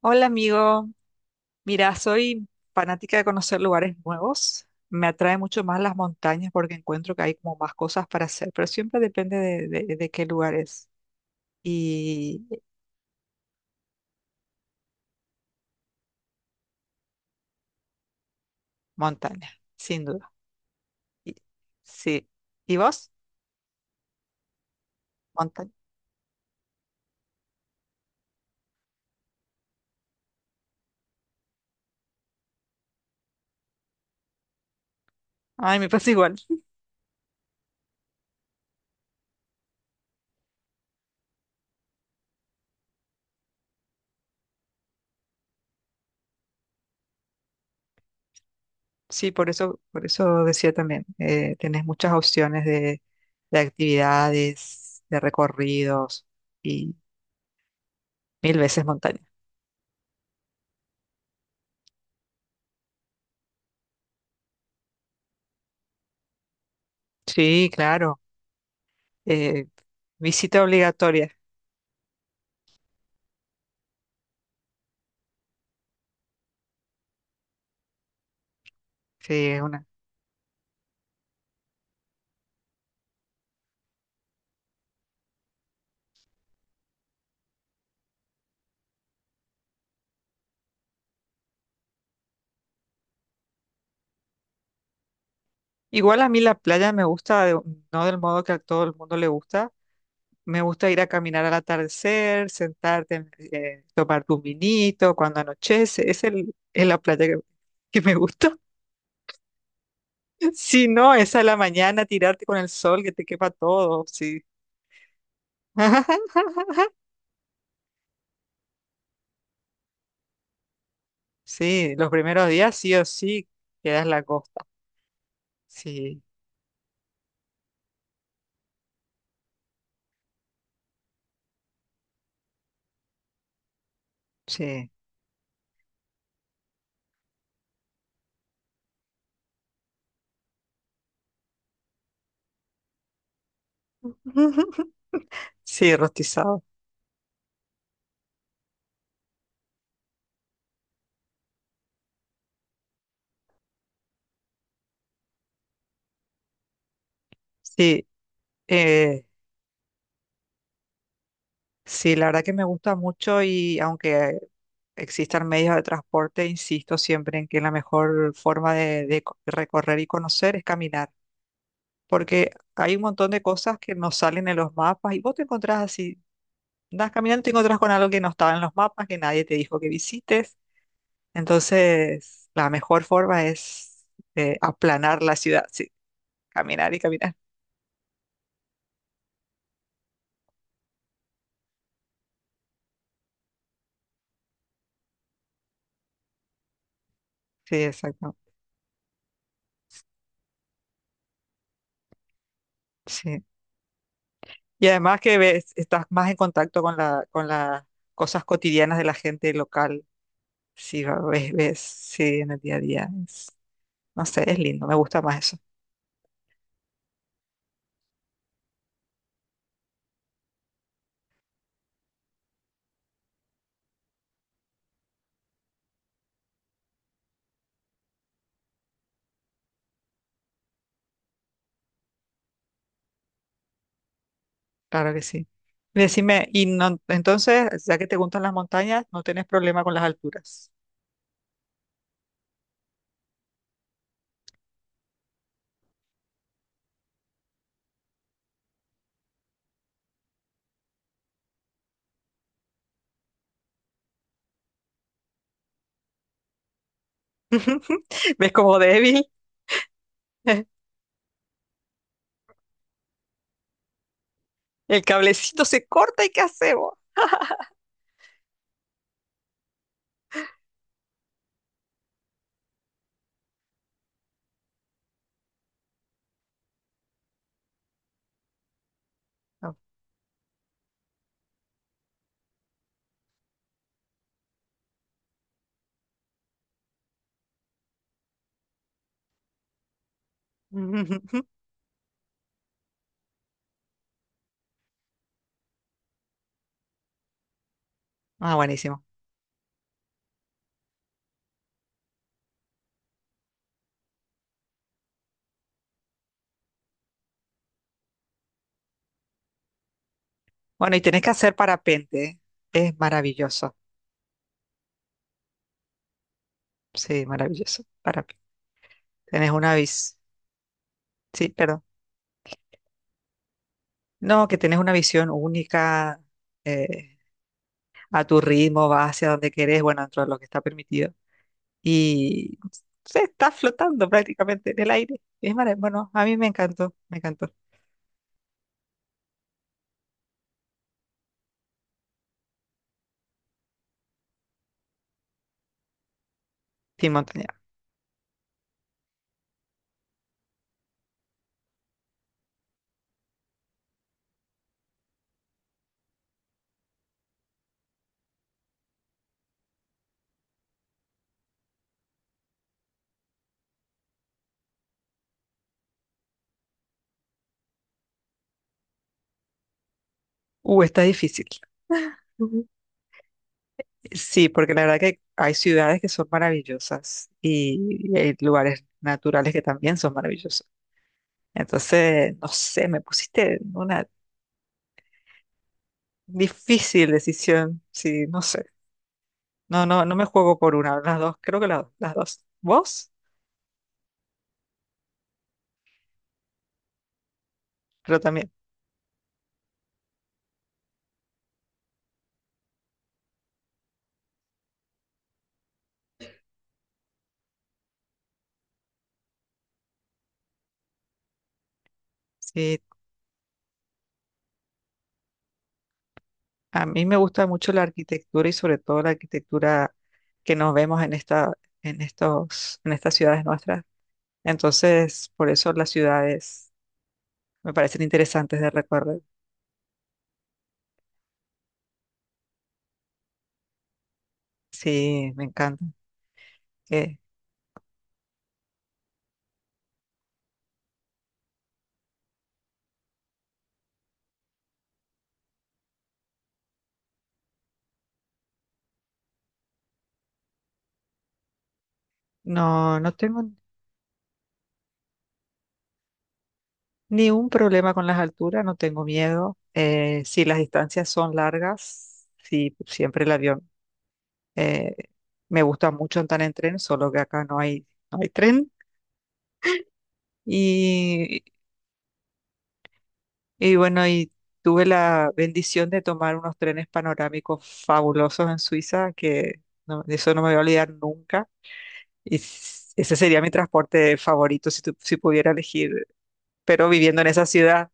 Hola amigo, mira, soy fanática de conocer lugares nuevos. Me atrae mucho más las montañas porque encuentro que hay como más cosas para hacer, pero siempre depende de qué lugares. Y montaña, sin duda. Y- sí. ¿Y vos? Montaña. Ay, me pasa igual. Sí, por eso decía también, tenés muchas opciones de actividades, de recorridos y mil veces montaña. Sí, claro. eh, visita obligatoria. Sí, es una. Igual a mí la playa me gusta, de- no del modo que a todo el mundo le gusta. Me gusta ir a caminar al atardecer, sentarte, tomar un vinito cuando anochece. Es la playa que me gusta. Si no, es a la mañana tirarte con el sol que te quema todo. Sí. Sí, los primeros días sí o sí quedas en la costa. Sí, sí. Sí, rostizado. Sí. eh, Sí, la verdad que me gusta mucho y aunque existan medios de transporte, insisto siempre en que la mejor forma de, recorrer y conocer es caminar, porque hay un montón de cosas que no salen en los mapas y vos te encontrás así, andas caminando y te encontrás con algo que no estaba en los mapas, que nadie te dijo que visites. Entonces, la mejor forma es aplanar la ciudad, sí, caminar y caminar. Sí, exacto. Sí. Y además que ves, estás más en contacto con la, con las cosas cotidianas de la gente local. Sí, va- ves, ves, sí, en el día a día. Es- no sé, es lindo, me gusta más eso. Claro que sí. Y decime, y no, entonces, ya que te gustan las montañas, no tenés problema con las alturas. ¿Ves como débil? El cablecito se corta y ¿qué hacemos? No. Ah, buenísimo. Bueno, y tenés que hacer parapente, ¿eh? Es maravilloso. Sí, maravilloso. Parapente. Tenés una bici. Sí, perdón. No, que tenés una visión única, eh, a tu ritmo, vas hacia donde querés, bueno, dentro de lo que está permitido. Y se está flotando prácticamente en el aire. Es maravilloso. Bueno, a mí me encantó, me encantó. Sí, montaña. Está difícil. Ujú. Sí, porque la verdad que hay ciudades que son maravillosas y hay lugares naturales que también son maravillosos. Entonces, no sé, me pusiste en una difícil decisión. Sí, no sé. No, no, no me juego por una, las dos, creo que las dos. ¿Vos? Pero también, sí, a mí me gusta mucho la arquitectura y sobre todo la arquitectura que nos vemos en esta, en estos, en estas ciudades nuestras. Entonces, por eso las ciudades me parecen interesantes de recorrer. Sí, me encanta. Eh, no, no tengo ni un problema con las alturas, no tengo miedo. Si las distancias son largas, sí, siempre el avión. Eh, Me gusta mucho andar en tren, solo que acá no hay, no hay tren. Y, y bueno, y tuve la bendición de tomar unos trenes panorámicos fabulosos en Suiza, que no- de eso no me voy a olvidar nunca. Y s- ese sería mi transporte favorito si, tu- si pudiera elegir, pero viviendo en esa ciudad,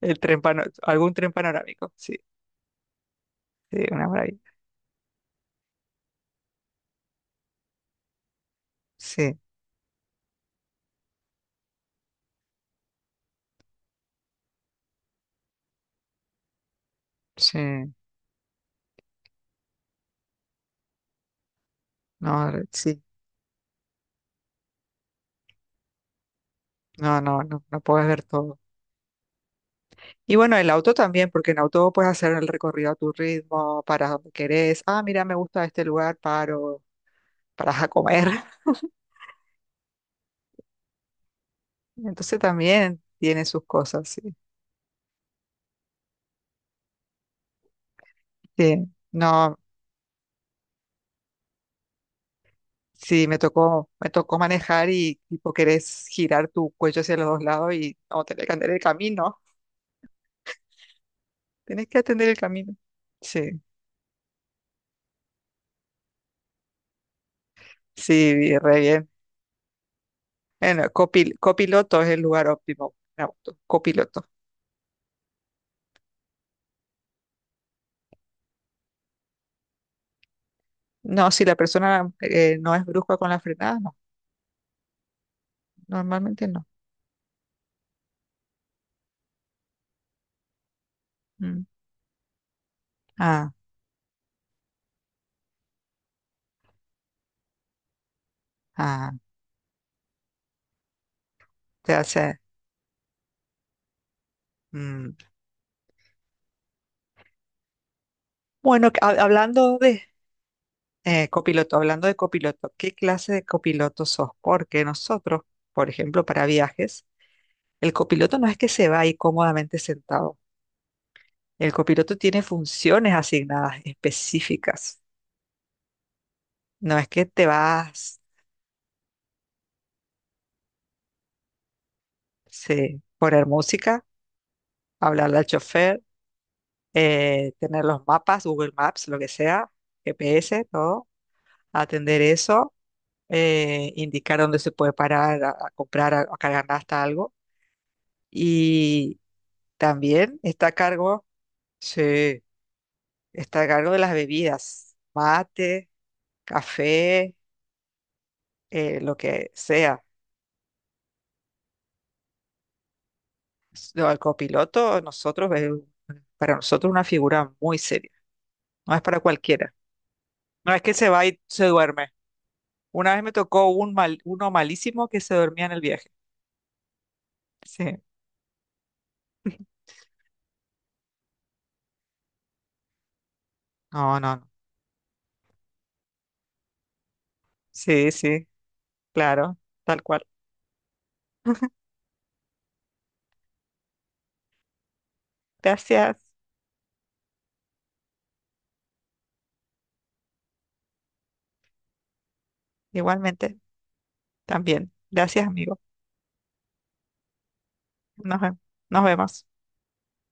el tren pano- algún tren panorámico, sí, sí, una maravilla. Sí, sí, no, sí, no, no, no, no puedes ver todo. Y bueno, el auto también, porque en auto puedes hacer el recorrido a tu ritmo, para donde querés. Ah, mira, me gusta este lugar, paro, paras a comer. Entonces también tiene sus cosas, sí. Sí, no, sí, me tocó manejar y tipo querés girar tu cuello hacia los dos lados y no, tenés que atender el camino. Tenés que atender el camino. Sí, sí, vi re bien. Bueno, copiloto es el lugar óptimo en auto, copiloto. No, si la persona no es brusca con la frenada, no, normalmente no. Mm. Ah, ah, te hace. Mm. Bueno, que hablando de copiloto, hablando de copiloto, ¿qué clase de copiloto sos? Porque nosotros, por ejemplo, para viajes, el copiloto no es que se va ahí cómodamente sentado. El copiloto tiene funciones asignadas específicas. No es que te vas sí, poner música, hablarle al chofer, tener los mapas, Google Maps, lo que sea, GPS, todo, atender eso, indicar dónde se puede parar a comprar, a cargar hasta algo. Y también está a cargo, sí, está a cargo de las bebidas, mate, café, lo que sea. No, el copiloto, nosotros, es un- para nosotros una figura muy seria, no es para cualquiera. No es que se va y se duerme. Una vez me tocó un mal, uno malísimo que se dormía en el viaje. Sí, no, no, no. Sí, sí, claro, tal cual. Gracias. Igualmente, también. Gracias, amigo. Nos, ve- nos vemos.